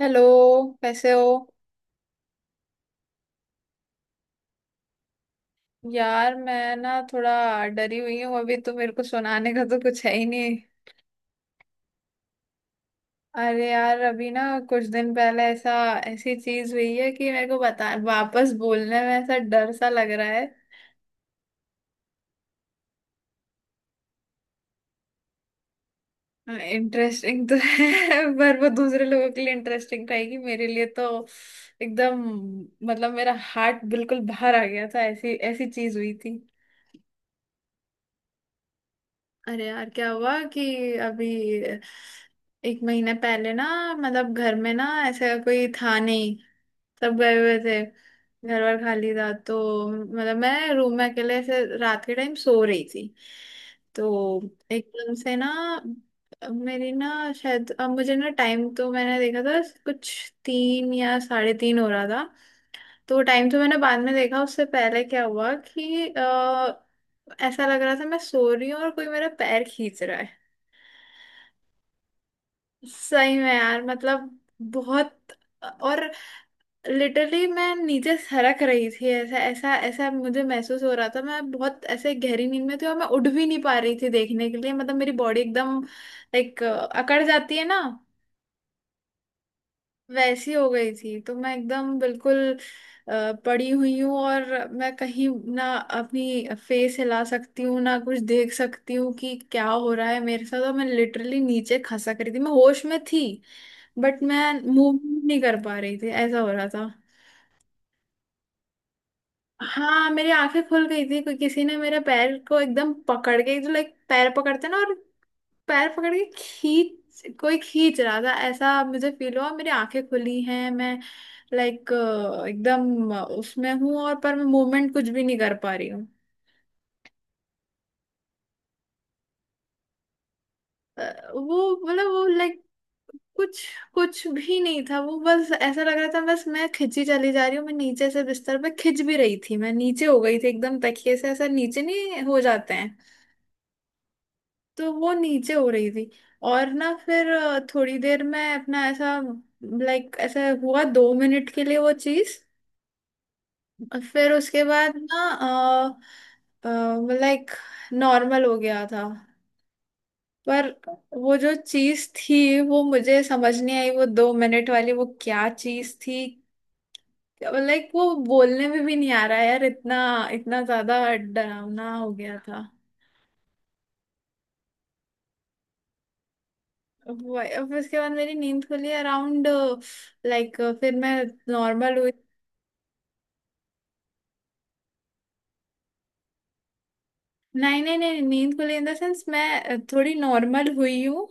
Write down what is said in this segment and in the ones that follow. Hello. कैसे हो? यार मैं ना थोड़ा डरी हुई हूँ। अभी तो मेरे को सुनाने का तो कुछ है ही नहीं। अरे यार अभी ना, कुछ दिन पहले ऐसा, ऐसी चीज हुई है कि मेरे को बता वापस बोलने में ऐसा डर सा लग रहा है। इंटरेस्टिंग तो है पर वो दूसरे लोगों के लिए इंटरेस्टिंग रहेगी, मेरे लिए तो एकदम, मतलब मेरा हार्ट बिल्कुल बाहर आ गया था, ऐसी ऐसी चीज हुई थी। अरे यार क्या हुआ कि अभी एक महीने पहले ना, मतलब घर में ना ऐसा कोई था नहीं, सब गए हुए थे, घर वर खाली था। तो मतलब मैं रूम में अकेले ऐसे रात के टाइम सो रही थी, तो एकदम से ना मेरी ना, शायद अब मुझे ना टाइम तो मैंने देखा था कुछ तीन या साढ़े तीन हो रहा था। तो टाइम तो मैंने बाद में देखा, उससे पहले क्या हुआ कि ऐसा लग रहा था मैं सो रही हूँ और कोई मेरा पैर खींच रहा है। सही में यार, मतलब बहुत, और लिटरली मैं नीचे सरक रही थी, ऐसा ऐसा ऐसा मुझे महसूस हो रहा था। मैं बहुत ऐसे गहरी नींद में थी और मैं उठ भी नहीं पा रही थी देखने के लिए। मतलब मेरी बॉडी एकदम लाइक अकड़ जाती है ना, वैसी हो गई थी। तो मैं एकदम बिल्कुल पड़ी हुई हूँ, और मैं कहीं ना अपनी फेस हिला सकती हूँ ना कुछ देख सकती हूँ कि क्या हो रहा है मेरे साथ। और मैं लिटरली नीचे खसक रही थी, मैं होश में थी बट मैं मूव नहीं कर पा रही थी, ऐसा हो रहा था। हाँ मेरी आंखें खुल गई थी, कोई, किसी ने मेरे पैर को एकदम पकड़ के, जो लाइक पैर पकड़ते ना, और पैर पकड़ के खींच, कोई खींच रहा था ऐसा मुझे फील हुआ। मेरी आंखें खुली हैं, मैं लाइक एकदम उसमें हूँ, और पर मैं मूवमेंट कुछ भी नहीं कर पा रही हूँ। वो मतलब वो लाइक कुछ, कुछ भी नहीं था, वो बस ऐसा लग रहा था बस मैं खिंची चली जा रही हूँ। मैं नीचे से बिस्तर पे खिंच भी रही थी, मैं नीचे हो गई थी एकदम, तकिए से ऐसा नीचे नहीं हो जाते हैं, तो वो नीचे हो रही थी। और ना फिर थोड़ी देर में अपना ऐसा लाइक ऐसा हुआ, दो मिनट के लिए वो चीज। फिर उसके बाद ना लाइक नॉर्मल हो गया था। पर वो जो चीज थी वो मुझे समझ नहीं आई, वो दो मिनट वाली वो क्या चीज थी। लाइक वो बोलने में भी नहीं आ रहा यार, इतना इतना ज्यादा डरावना हो गया था वो। अब उसके बाद मेरी नींद खुली अराउंड, लाइक फिर मैं नॉर्मल हुई। नहीं नहीं नहीं, नींद खुली इन द सेंस मैं थोड़ी नॉर्मल हुई हूँ।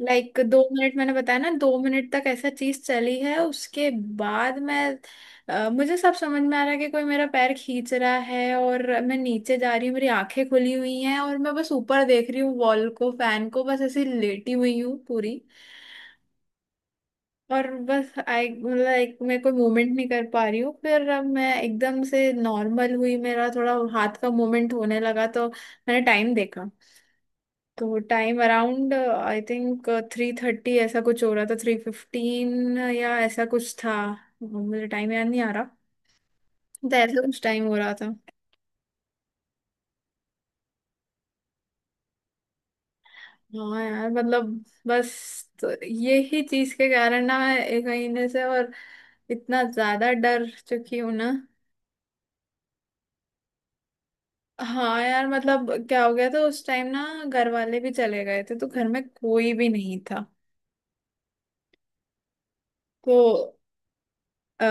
लाइक दो मिनट मैंने बताया ना, दो मिनट तक ऐसा चीज चली है, उसके बाद मैं, मुझे सब समझ में आ रहा है कि कोई मेरा पैर खींच रहा है और मैं नीचे जा रही हूँ। मेरी आंखें खुली हुई हैं और मैं बस ऊपर देख रही हूँ, वॉल को, फैन को, बस ऐसी लेटी हुई हूँ पूरी, और बस आई मतलब, एक मैं कोई मूवमेंट नहीं कर पा रही हूँ। फिर अब मैं एकदम से नॉर्मल हुई, मेरा थोड़ा हाथ का मूवमेंट होने लगा, तो मैंने टाइम देखा। तो time around, I think three thirty ऐसा कुछ हो रहा था, थ्री फिफ्टीन या ऐसा कुछ था, मुझे टाइम याद नहीं आ रहा, तो ऐसा कुछ टाइम हो रहा था। हाँ यार मतलब बस, तो यही चीज के कारण ना मैं एक महीने से और इतना ज्यादा डर चुकी हूँ ना। हाँ यार, मतलब क्या हो गया था उस टाइम ना, घर वाले भी चले गए थे तो घर में कोई भी नहीं था। तो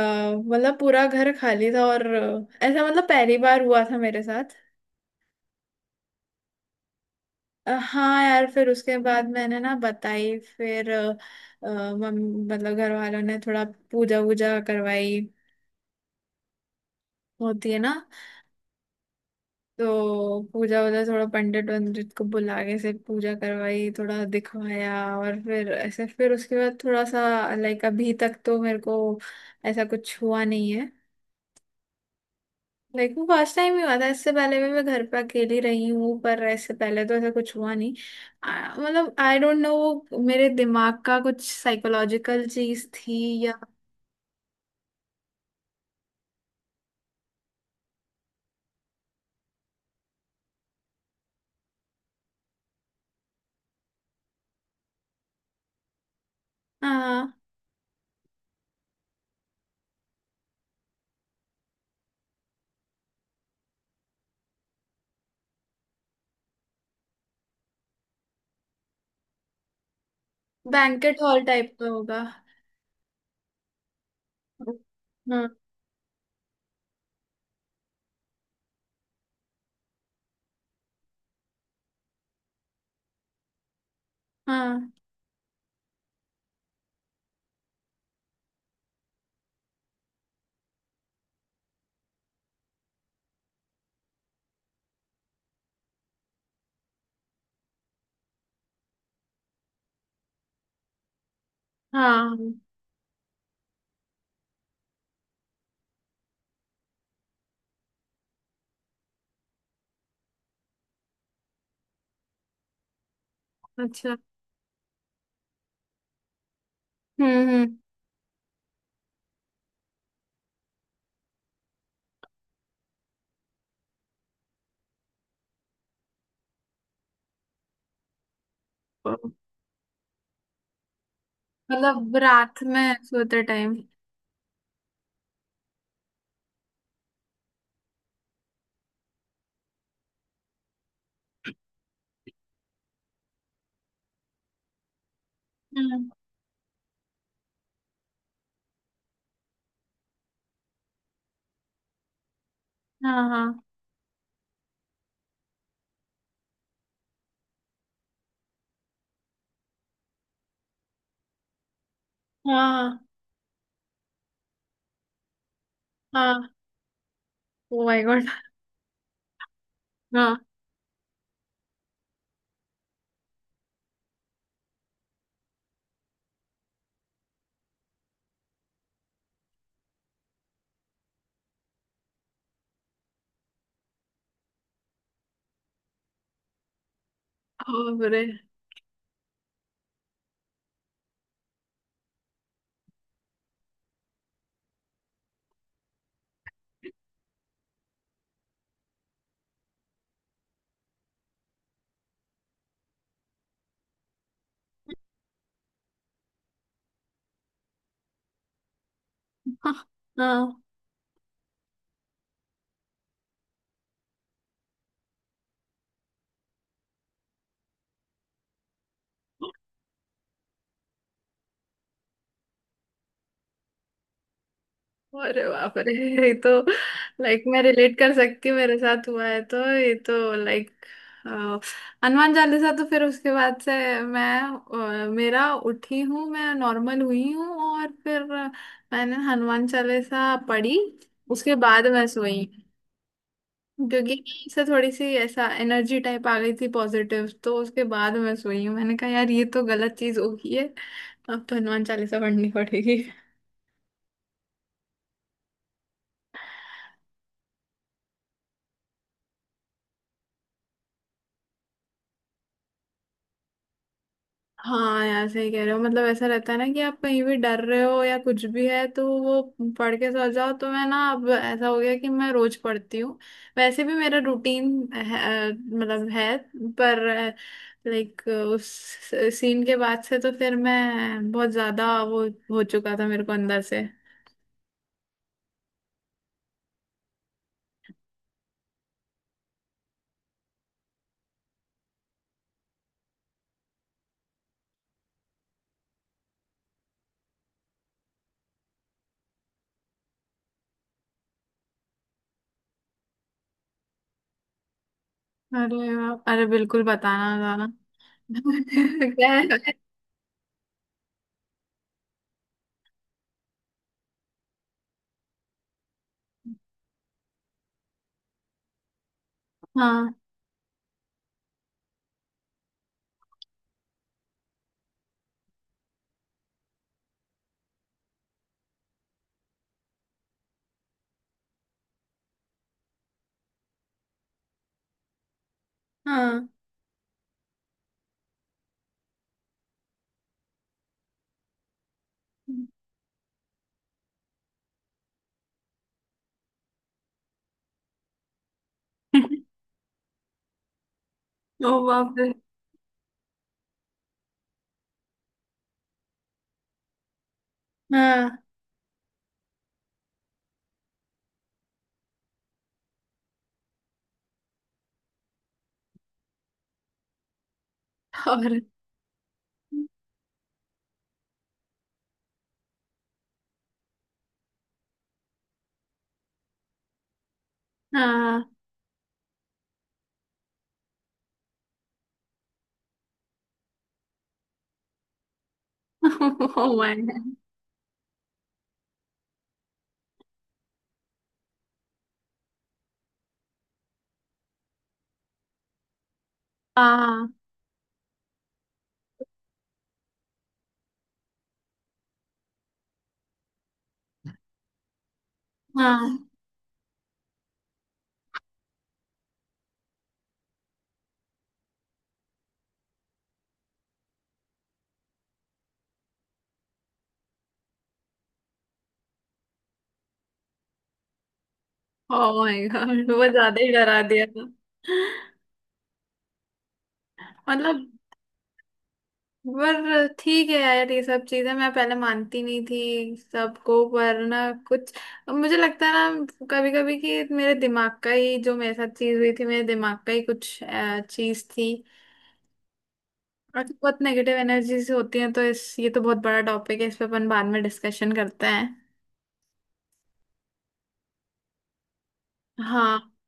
मतलब पूरा घर खाली था, और ऐसा मतलब पहली बार हुआ था मेरे साथ। हाँ यार, फिर उसके बाद मैंने ना बताई, फिर मतलब घर वालों ने थोड़ा पूजा वूजा करवाई, होती है ना। तो पूजा वूजा, थोड़ा पंडित वंडित को बुला के से पूजा करवाई, थोड़ा दिखवाया। और फिर ऐसे फिर उसके बाद थोड़ा सा लाइक अभी तक तो मेरे को ऐसा कुछ हुआ नहीं है। लाइक वो फर्स्ट टाइम ही हुआ था, इससे पहले भी मैं घर पे अकेली रही हूँ पर ऐसे पहले तो ऐसा कुछ हुआ नहीं। मतलब आई डोंट नो, वो मेरे दिमाग का कुछ साइकोलॉजिकल चीज थी या। हाँ। बैंकेट हॉल टाइप का होगा। हाँ। हाँ। हाँ। अच्छा। हम्म। हम्म, मतलब रात में सोते टाइम। हम्म। हाँ। हाँ। हाँ। हाँ। Oh my God. हाँ। ओ बुरे। हाँ। हाँ। अरे बाप रे, ये तो, लाइक मैं रिलेट कर सकती हूँ, मेरे साथ हुआ है तो ये तो लाइक हनुमान चालीसा। तो फिर उसके बाद से मैं मेरा उठी हूँ, मैं नॉर्मल हुई हूँ, और फिर मैंने हनुमान चालीसा पढ़ी, उसके बाद मैं सोई। क्योंकि इससे थोड़ी सी ऐसा एनर्जी टाइप आ गई थी पॉजिटिव, तो उसके बाद मैं सोई हूँ। मैंने कहा यार ये तो गलत चीज हो गई है, अब तो हनुमान चालीसा पढ़नी पड़ेगी। हाँ यार सही कह रहे हो, मतलब ऐसा रहता है ना कि आप कहीं भी डर रहे हो या कुछ भी है तो वो पढ़ के सो जाओ। तो मैं ना अब ऐसा हो गया कि मैं रोज पढ़ती हूँ, वैसे भी मेरा रूटीन है, मतलब है, पर लाइक उस सीन के बाद से तो फिर मैं बहुत ज्यादा वो हो चुका था मेरे को अंदर से। अरे वाह, अरे बिल्कुल बताना गाना। क्या है? हाँ। हाँ। ओ बाप रे। हाँ। और हाँ। Oh my God. हाँ। हाँ, ओ माय गॉड, वो ज्यादा ही डरा दिया था। मतलब, पर ठीक है यार, ये सब चीजें मैं पहले मानती नहीं थी सबको, पर ना कुछ मुझे लगता है ना कभी कभी कि मेरे दिमाग का ही, जो मेरे साथ चीज हुई थी मेरे दिमाग का ही कुछ चीज थी। और तो बहुत नेगेटिव एनर्जीज होती हैं, तो इस, ये तो बहुत बड़ा टॉपिक है, इस पे अपन बाद में डिस्कशन करते हैं। हाँ।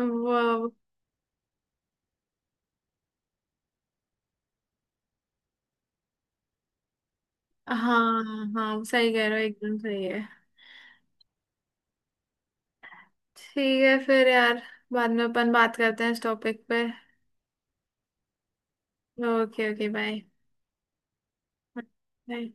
वो। हाँ हाँ सही कह रहे हो, एकदम सही है। ठीक है फिर यार, बाद में अपन बात करते हैं इस टॉपिक पे। Okay okay, bye. बाय।